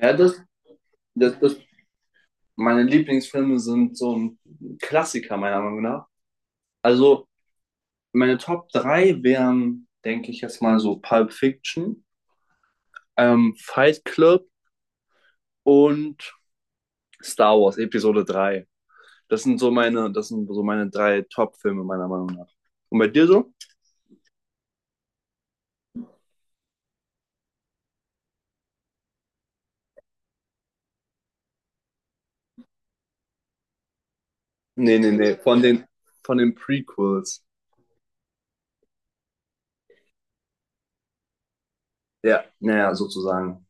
Ja, das, das, meine Lieblingsfilme sind so ein Klassiker, meiner Meinung nach. Also, meine Top 3 wären, denke ich jetzt mal, so Pulp Fiction, Fight Club und Star Wars Episode drei. Das sind so meine drei Top-Filme, meiner Meinung nach. Und bei dir so? Nee, nee, nee, von den Prequels. Ja, naja, sozusagen.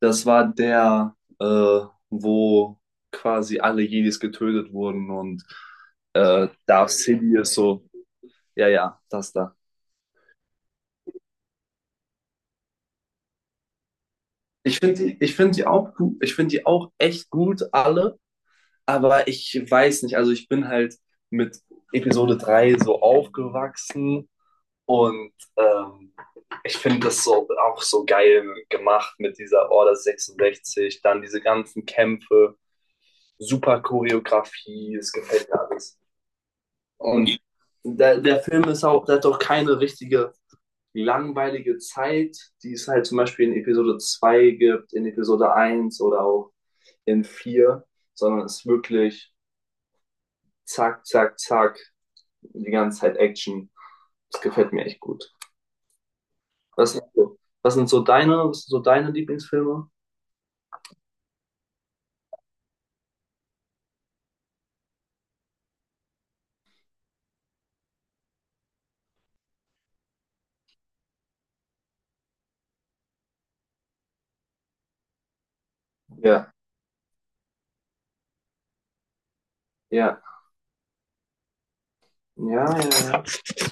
Das war der, wo quasi alle Jedis getötet wurden und Darth Sidious so, ja, ja, das da. Ich finde die auch gut, ich finde die auch echt gut, alle, aber ich weiß nicht, also ich bin halt mit Episode 3 so aufgewachsen und ich finde das so auch so geil gemacht mit dieser Order 66, dann diese ganzen Kämpfe, super Choreografie, es gefällt mir alles. Und der Film ist auch, der hat auch keine richtige langweilige Zeit, die es halt zum Beispiel in Episode 2 gibt, in Episode eins oder auch in vier, sondern es ist wirklich zack, zack, zack, die ganze Zeit Action. Das gefällt mir echt gut. Was sind so deine, was sind so deine Lieblingsfilme? Ja, ja. Ja, ja, ja.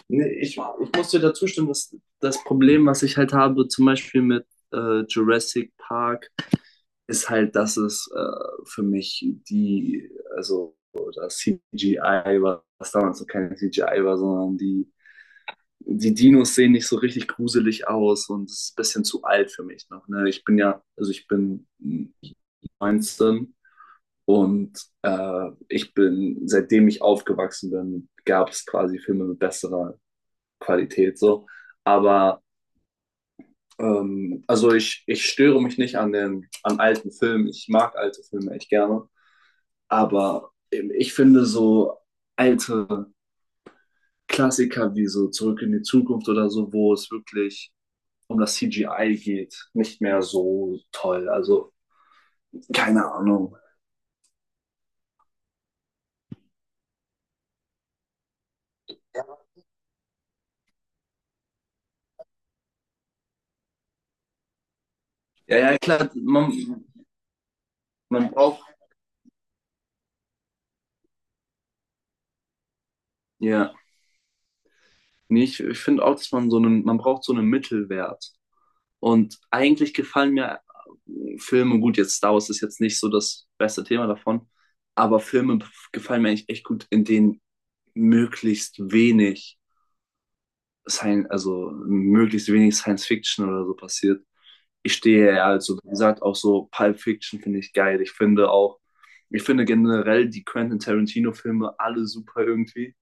Nee, ich muss dir dazu stimmen, dass das Problem, was ich halt habe, zum Beispiel mit Jurassic Park ist halt, dass es für also das CGI war, was damals noch kein CGI war, sondern die Dinos sehen nicht so richtig gruselig aus und es ist ein bisschen zu alt für mich noch. Ne? Ich bin ja, also ich bin 19 und ich bin, seitdem ich aufgewachsen bin, gab es quasi Filme mit besserer Qualität so. Aber also ich störe mich nicht an alten Filmen. Ich mag alte Filme echt gerne. Aber ich finde so alte Klassiker wie so Zurück in die Zukunft oder so, wo es wirklich um das CGI geht, nicht mehr so toll. Also keine Ahnung. Ja, ja, klar, man braucht, ja, nee, ich finde auch, dass man braucht so einen Mittelwert. Und eigentlich gefallen mir Filme, gut, jetzt Star Wars ist jetzt nicht so das beste Thema davon, aber Filme gefallen mir eigentlich echt gut, in denen möglichst wenig also möglichst wenig Science Fiction oder so passiert. Ich stehe ja also, wie gesagt, auch so Pulp Fiction finde ich geil. Ich finde generell die Quentin Tarantino-Filme alle super irgendwie.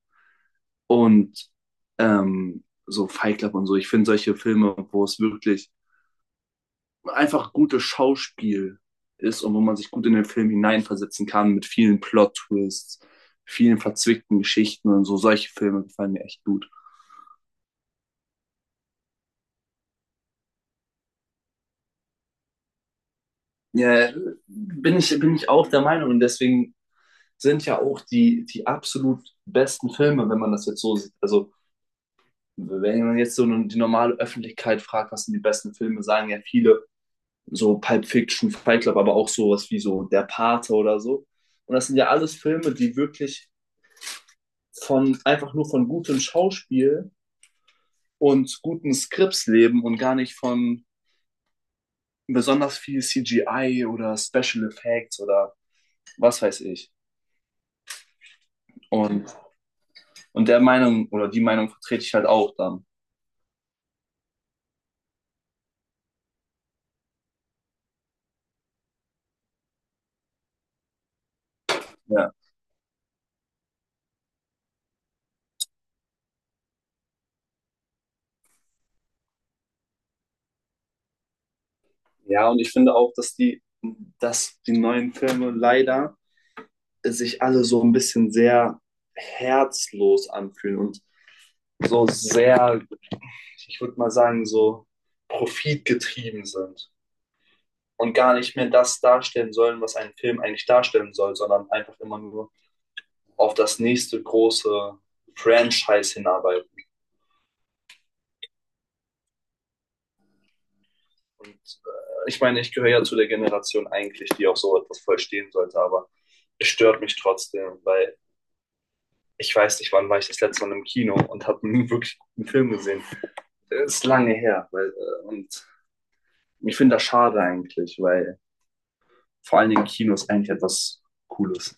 Und so Fight Club und so. Ich finde solche Filme, wo es wirklich einfach gutes Schauspiel ist und wo man sich gut in den Film hineinversetzen kann mit vielen Plot-Twists, vielen verzwickten Geschichten und so. Solche Filme gefallen mir echt gut. Ja, bin ich auch der Meinung. Und deswegen sind ja auch die absolut besten Filme, wenn man das jetzt so sieht. Also, wenn man jetzt so nun die normale Öffentlichkeit fragt, was sind die besten Filme, sagen ja viele so Pulp Fiction, Fight Club, aber auch sowas wie so Der Pate oder so. Und das sind ja alles Filme, die wirklich von einfach nur von gutem Schauspiel und guten Skripts leben und gar nicht von besonders viel CGI oder Special Effects oder was weiß ich. Und Und der Meinung oder die Meinung vertrete ich halt auch dann. Ja. Ja, und ich finde auch, dass die neuen Filme leider sich alle so ein bisschen sehr herzlos anfühlen und so sehr, ich würde mal sagen, so profitgetrieben sind und gar nicht mehr das darstellen sollen, was ein Film eigentlich darstellen soll, sondern einfach immer nur auf das nächste große Franchise hinarbeiten. Und ich meine, ich gehöre ja zu der Generation eigentlich, die auch so etwas verstehen sollte, aber es stört mich trotzdem, weil ich weiß nicht, wann war ich das letzte Mal im Kino und habe einen wirklich guten Film gesehen. Das ist lange her, und ich finde das schade eigentlich, weil vor allen Dingen Kino ist eigentlich etwas Cooles.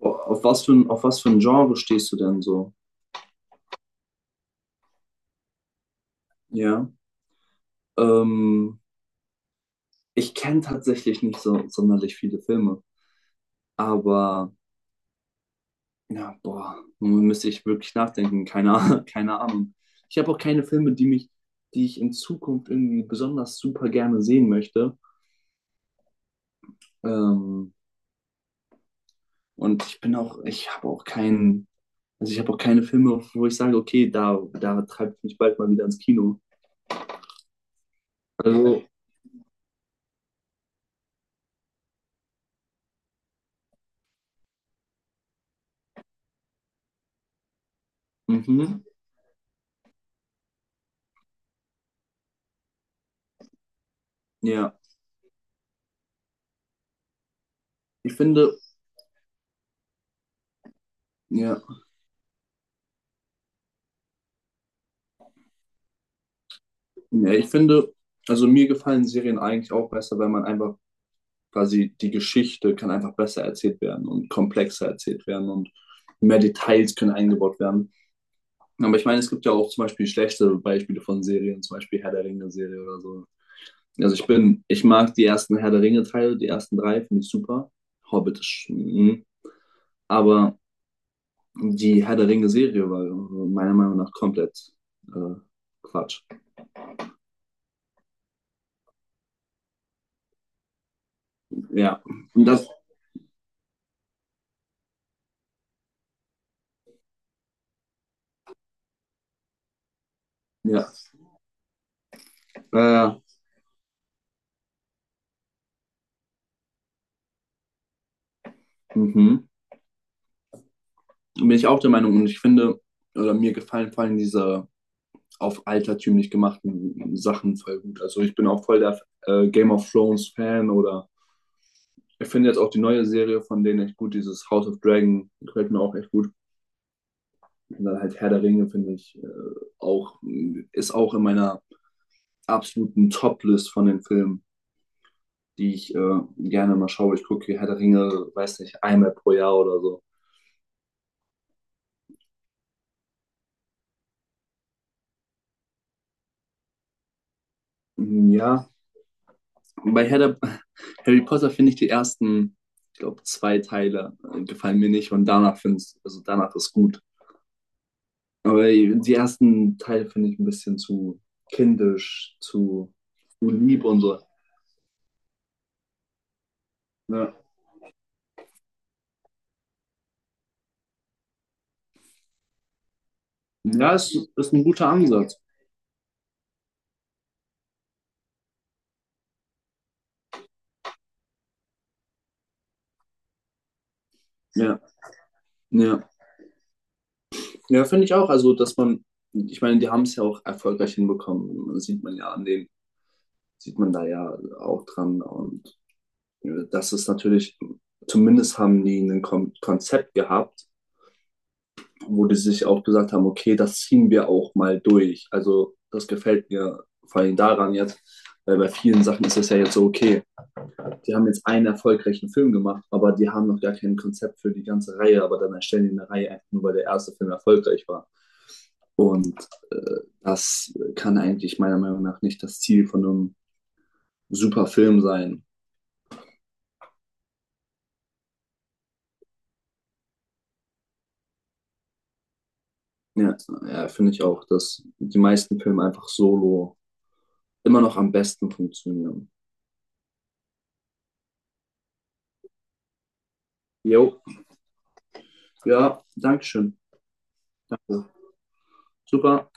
Auf was für ein Genre stehst du denn so? Ja. Ähm, ich kenne tatsächlich nicht so sonderlich viele Filme, aber ja, boah, nun müsste ich wirklich nachdenken. Keine, Ah- Keine Ahnung. Ich habe auch keine Filme, die ich in Zukunft irgendwie besonders super gerne sehen möchte. Ähm, und ich habe auch keinen, also ich habe auch keine Filme, wo ich sage, okay, da, da treibt mich bald mal wieder ins Kino. Also, mhm, ja, ich finde, ja, ja, ich finde, also mir gefallen Serien eigentlich auch besser, wenn man einfach quasi die Geschichte kann einfach besser erzählt werden und komplexer erzählt werden und mehr Details können eingebaut werden. Aber ich meine, es gibt ja auch zum Beispiel schlechte Beispiele von Serien, zum Beispiel Herr der Ringe-Serie oder so. Also ich bin, ich mag die ersten Herr der Ringe-Teile, die ersten drei, finde ich super. Hobbit ist, mhm. Aber die Herr der Ringe-Serie war meiner Meinung nach komplett äh, Quatsch. Ja, und das, ja, äh, mhm. Bin ich auch der Meinung und ich finde, oder mir gefallen vor allem diese auf altertümlich gemachten Sachen voll gut. Also ich bin auch voll der Game of Thrones Fan oder ich finde jetzt auch die neue Serie von denen echt gut. Dieses House of Dragon gefällt mir auch echt gut. Und dann halt Herr der Ringe finde ich auch, ist auch in meiner absoluten Top-List von den Filmen, die ich gerne mal schaue. Ich gucke Herr der Ringe, weiß nicht, einmal pro Jahr oder so. Hm, ja, bei Herr der, Harry Potter finde ich die ersten, ich glaube, zwei Teile gefallen mir nicht und danach finde ich, also danach ist gut. Aber die ersten Teil finde ich ein bisschen zu kindisch, zu lieb und so. Ja, ja ist ein guter Ansatz. Ja, ja. Ja, finde ich auch. Also, dass man, ich meine, die haben es ja auch erfolgreich hinbekommen. Das sieht man ja an den, sieht man da ja auch dran. Und das ist natürlich, zumindest haben die ein Konzept gehabt, wo die sich auch gesagt haben, okay, das ziehen wir auch mal durch. Also, das gefällt mir vor allem daran jetzt, weil bei vielen Sachen ist es ja jetzt so, okay, die haben jetzt einen erfolgreichen Film gemacht, aber die haben noch gar kein Konzept für die ganze Reihe, aber dann erstellen die eine Reihe einfach nur, weil der erste Film erfolgreich war. Und das kann eigentlich meiner Meinung nach nicht das Ziel von einem super Film sein. Ja, ja finde ich auch, dass die meisten Filme einfach solo immer noch am besten funktionieren. Jo, ja, Dankeschön. Danke. Super.